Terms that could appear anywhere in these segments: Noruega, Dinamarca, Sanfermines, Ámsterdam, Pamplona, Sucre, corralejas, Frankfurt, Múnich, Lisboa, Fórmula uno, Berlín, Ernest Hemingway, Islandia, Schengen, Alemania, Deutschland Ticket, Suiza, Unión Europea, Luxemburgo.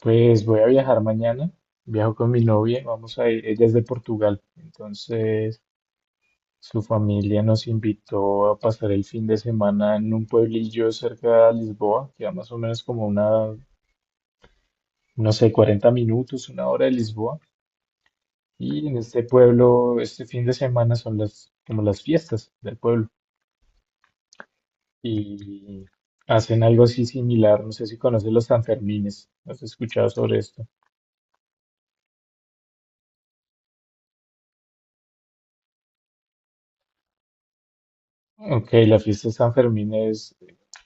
Pues voy a viajar mañana, viajo con mi novia, vamos a ir, ella es de Portugal, entonces su familia nos invitó a pasar el fin de semana en un pueblillo cerca de Lisboa, que a más o menos como una, no sé, 40 minutos, una hora de Lisboa, y en este pueblo, este fin de semana son las, como las fiestas del pueblo, y hacen algo así similar, no sé si conoces los Sanfermines, ¿has escuchado sobre esto? Ok, la fiesta de San Fermín es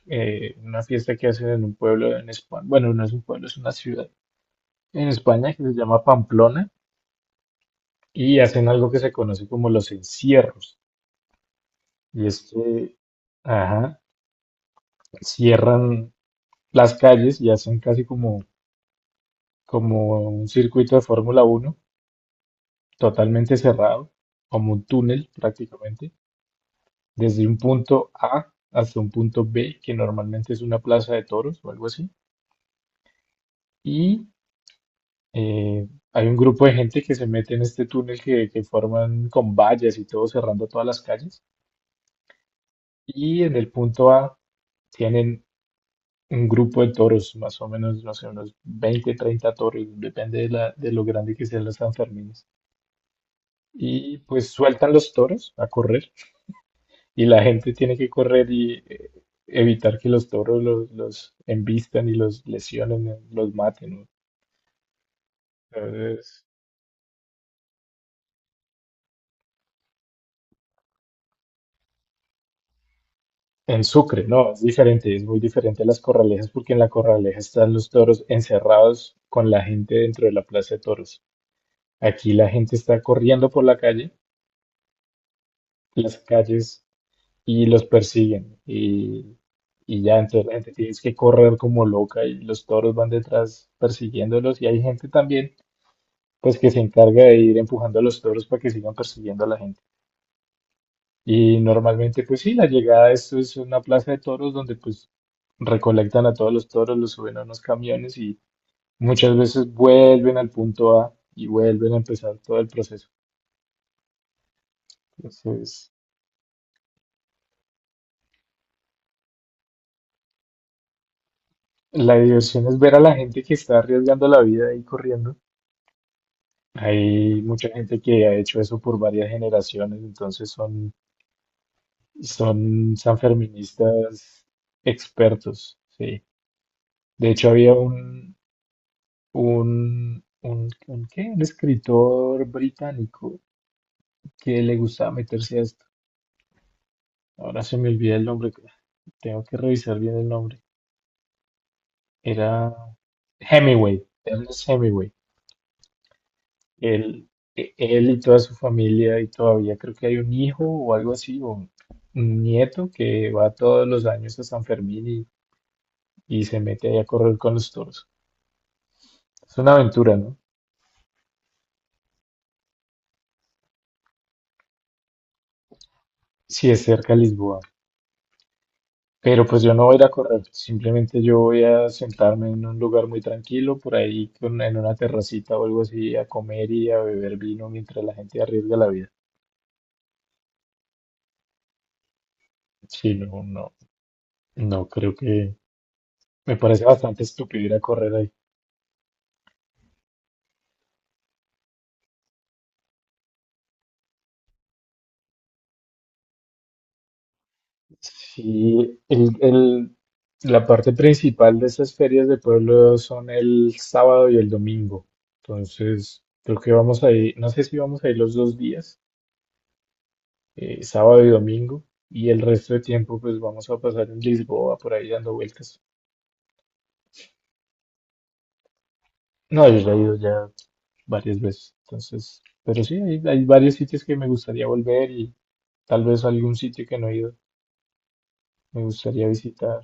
una fiesta que hacen en un pueblo en España, bueno, no es un pueblo, es una ciudad en España que se llama Pamplona y hacen algo que se conoce como los encierros. Y es que, ajá, cierran las calles y hacen casi como, como un circuito de Fórmula uno totalmente cerrado, como un túnel prácticamente, desde un punto A hasta un punto B, que normalmente es una plaza de toros o algo así. Y Eh, hay un grupo de gente que se mete en este túnel que forman con vallas y todo cerrando todas las calles. Y en el punto A tienen un grupo de toros, más o menos, no sé, unos 20, 30 toros, depende de, de lo grande que sean los Sanfermines. Y pues sueltan los toros a correr y la gente tiene que correr y evitar que los toros los embistan y los lesionen, los maten, ¿no? Entonces, en Sucre, no, es diferente, es muy diferente a las corralejas porque en la corraleja están los toros encerrados con la gente dentro de la plaza de toros. Aquí la gente está corriendo por la calle, las calles, y los persiguen. Y ya, entonces la gente tiene que correr como loca y los toros van detrás persiguiéndolos. Y hay gente también, pues, que se encarga de ir empujando a los toros para que sigan persiguiendo a la gente. Y normalmente, pues sí, la llegada de esto es una plaza de toros donde pues recolectan a todos los toros, los suben a unos camiones y muchas veces vuelven al punto A y vuelven a empezar todo el proceso. Entonces, la diversión es ver a la gente que está arriesgando la vida y corriendo. Hay mucha gente que ha hecho eso por varias generaciones, entonces son, son sanferministas expertos, sí. De hecho, había un ¿qué? Un escritor británico que le gustaba meterse a esto. Ahora se me olvida el nombre, tengo que revisar bien el nombre. Era Hemingway, Ernest Hemingway. Él, él y toda su familia, y todavía creo que hay un hijo o algo así, o un nieto que va todos los años a San Fermín y se mete ahí a correr con los toros. Es una aventura, ¿no? Sí, es cerca de Lisboa. Pero pues yo no voy a ir a correr, simplemente yo voy a sentarme en un lugar muy tranquilo, por ahí en una terracita o algo así, a comer y a beber vino mientras la gente arriesga la vida. Sí, no, no, no creo que me parece bastante estúpido ir a correr ahí. Sí, la parte principal de esas ferias de pueblo son el sábado y el domingo. Entonces, creo que vamos a ir, no sé si vamos a ir los dos días. Sábado y domingo, y el resto de tiempo pues vamos a pasar en Lisboa por ahí dando vueltas. No, yo ya he ido ya varias veces, entonces, pero sí, hay varios sitios que me gustaría volver y tal vez algún sitio que no he ido, me gustaría visitar.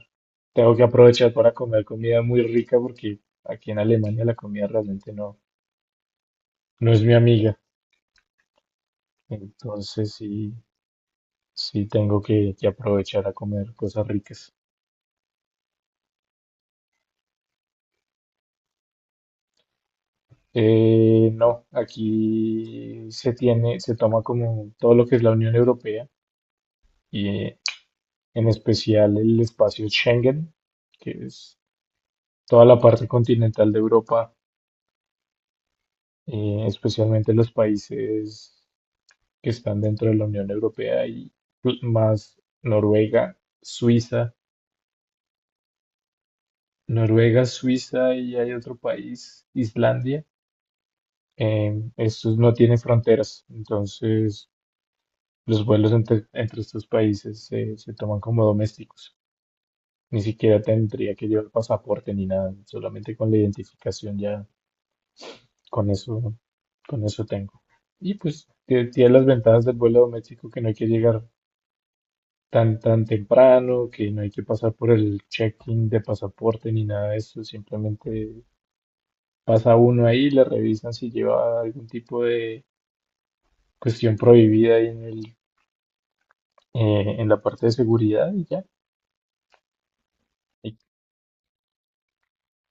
Tengo que aprovechar para comer comida muy rica porque aquí en Alemania la comida realmente no, no es mi amiga, entonces sí, sí tengo que aprovechar a comer cosas ricas. No, aquí se tiene, se toma como todo lo que es la Unión Europea y en especial el espacio Schengen, que es toda la parte continental de Europa, especialmente los países que están dentro de la Unión Europea y más Noruega, Suiza, Noruega, Suiza y hay otro país, Islandia. Estos no tienen fronteras, entonces los vuelos entre, entre estos países se, se toman como domésticos. Ni siquiera tendría que llevar pasaporte ni nada, solamente con la identificación ya, con eso, con eso tengo. Y pues tiene las ventajas del vuelo doméstico que no hay que llegar tan, tan temprano, que no hay que pasar por el check-in de pasaporte ni nada de eso, simplemente pasa uno ahí, le revisan si lleva algún tipo de cuestión prohibida ahí en el, en la parte de seguridad y ya.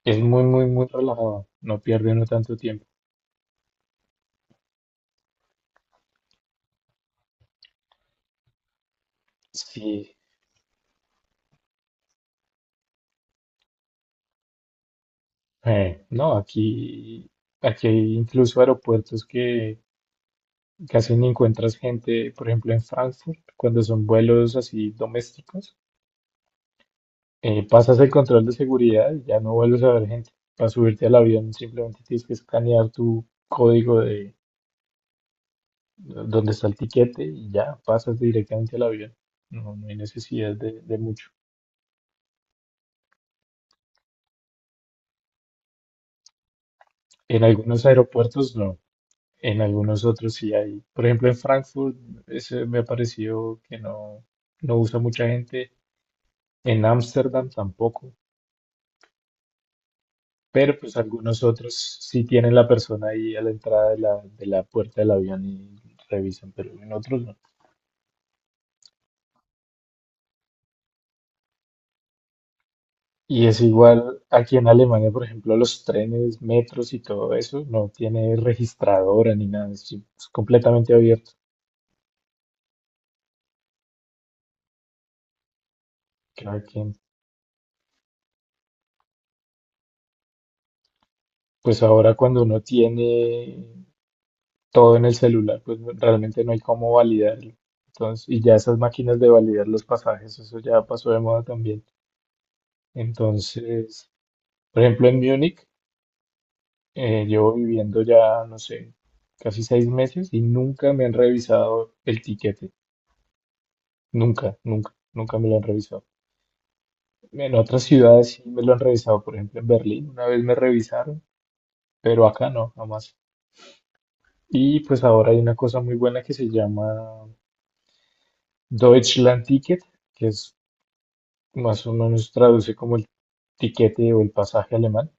Es muy, muy, muy relajado. No pierde uno tanto tiempo. Sí, no, aquí hay incluso aeropuertos que casi ni encuentras gente, por ejemplo, en Frankfurt, cuando son vuelos así domésticos, pasas el control de seguridad y ya no vuelves a ver gente. Para subirte al avión simplemente tienes que escanear tu código de donde está el tiquete y ya pasas directamente al avión. No, no hay necesidad de mucho. En algunos aeropuertos no. En algunos otros sí hay. Por ejemplo, en Frankfurt ese me ha parecido que no, no usa mucha gente. En Ámsterdam tampoco. Pero pues algunos otros sí tienen la persona ahí a la entrada de la puerta del avión y revisan, pero en otros no. Y es igual aquí en Alemania, por ejemplo, los trenes, metros y todo eso no tiene registradora ni nada, es completamente abierto. Creo que pues ahora cuando uno tiene todo en el celular, pues realmente no hay cómo validarlo. Entonces, y ya esas máquinas de validar los pasajes, eso ya pasó de moda también. Entonces, por ejemplo, en Múnich, llevo viviendo ya, no sé, casi 6 meses y nunca me han revisado el tiquete. Nunca, nunca, nunca me lo han revisado. En otras ciudades sí me lo han revisado, por ejemplo, en Berlín una vez me revisaron, pero acá no, jamás. Y pues ahora hay una cosa muy buena que se llama Deutschland Ticket, que es más o menos traduce como el tiquete o el pasaje alemán,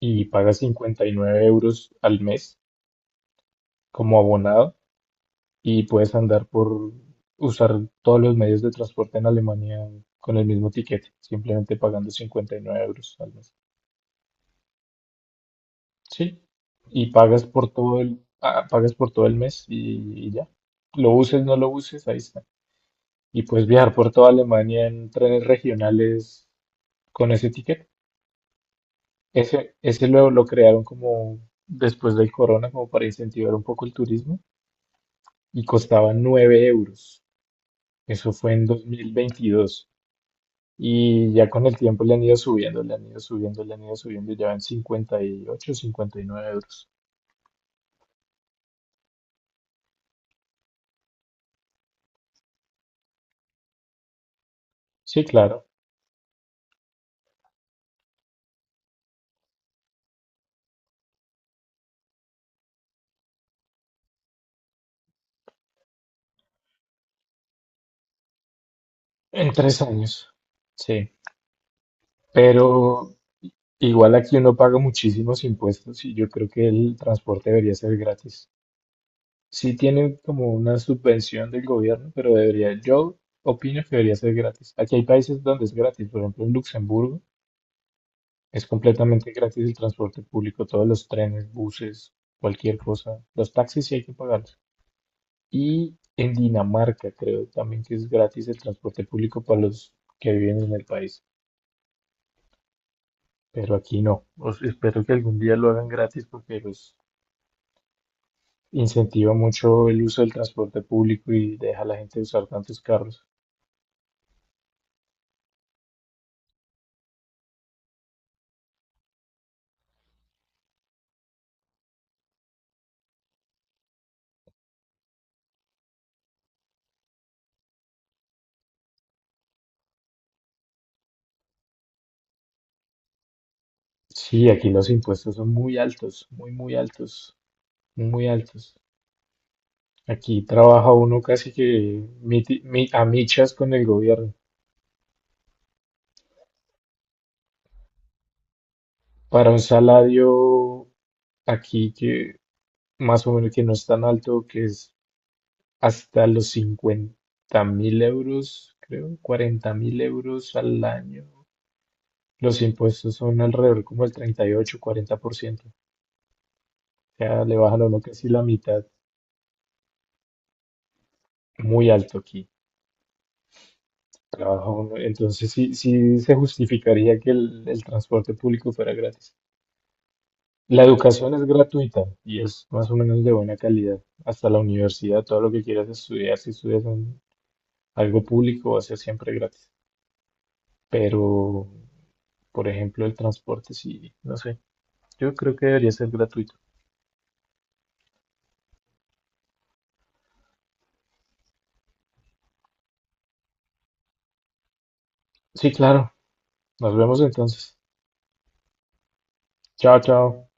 y pagas 59 euros al mes como abonado y puedes andar por usar todos los medios de transporte en Alemania con el mismo tiquete, simplemente pagando 59 euros al mes. Sí, y pagas por todo el, ah, pagas por todo el mes y ya. Lo uses, no lo uses, ahí está. Y puedes viajar por toda Alemania en trenes regionales con ese tiquete. Ese lo crearon como después del corona, como para incentivar un poco el turismo, y costaba 9 euros. Eso fue en 2022. Y ya con el tiempo le han ido subiendo, le han ido subiendo, le han ido subiendo, ya van 50 58, 59 euros. Sí, claro, en 3 años. Sí, pero igual aquí uno paga muchísimos impuestos y yo creo que el transporte debería ser gratis. Sí tienen como una subvención del gobierno, pero debería, yo opino que debería ser gratis. Aquí hay países donde es gratis, por ejemplo en Luxemburgo es completamente gratis el transporte público, todos los trenes, buses, cualquier cosa. Los taxis sí hay que pagarlos. Y en Dinamarca creo también que es gratis el transporte público para los que viven en el país, pero aquí no. Espero que algún día lo hagan gratis porque los incentiva mucho el uso del transporte público y deja a la gente usar tantos carros. Sí, aquí los impuestos son muy altos, muy altos. Aquí trabaja uno casi que a michas con el gobierno. Para un salario aquí que más o menos que no es tan alto, que es hasta los 50.000 euros, creo, 40.000 euros al año. Los impuestos son alrededor como el 38, 40%. O sea, le bajan a uno casi la mitad. Muy alto aquí. Trabajo, ¿no? Entonces sí, sí se justificaría que el transporte público fuera gratis. La educación es gratuita y es más o menos de buena calidad. Hasta la universidad, todo lo que quieras estudiar, si estudias en algo público, va a ser siempre gratis. Pero, por ejemplo, el transporte, sí, no sé. Yo creo que debería ser gratuito. Sí, claro. Nos vemos entonces. Chao, chao.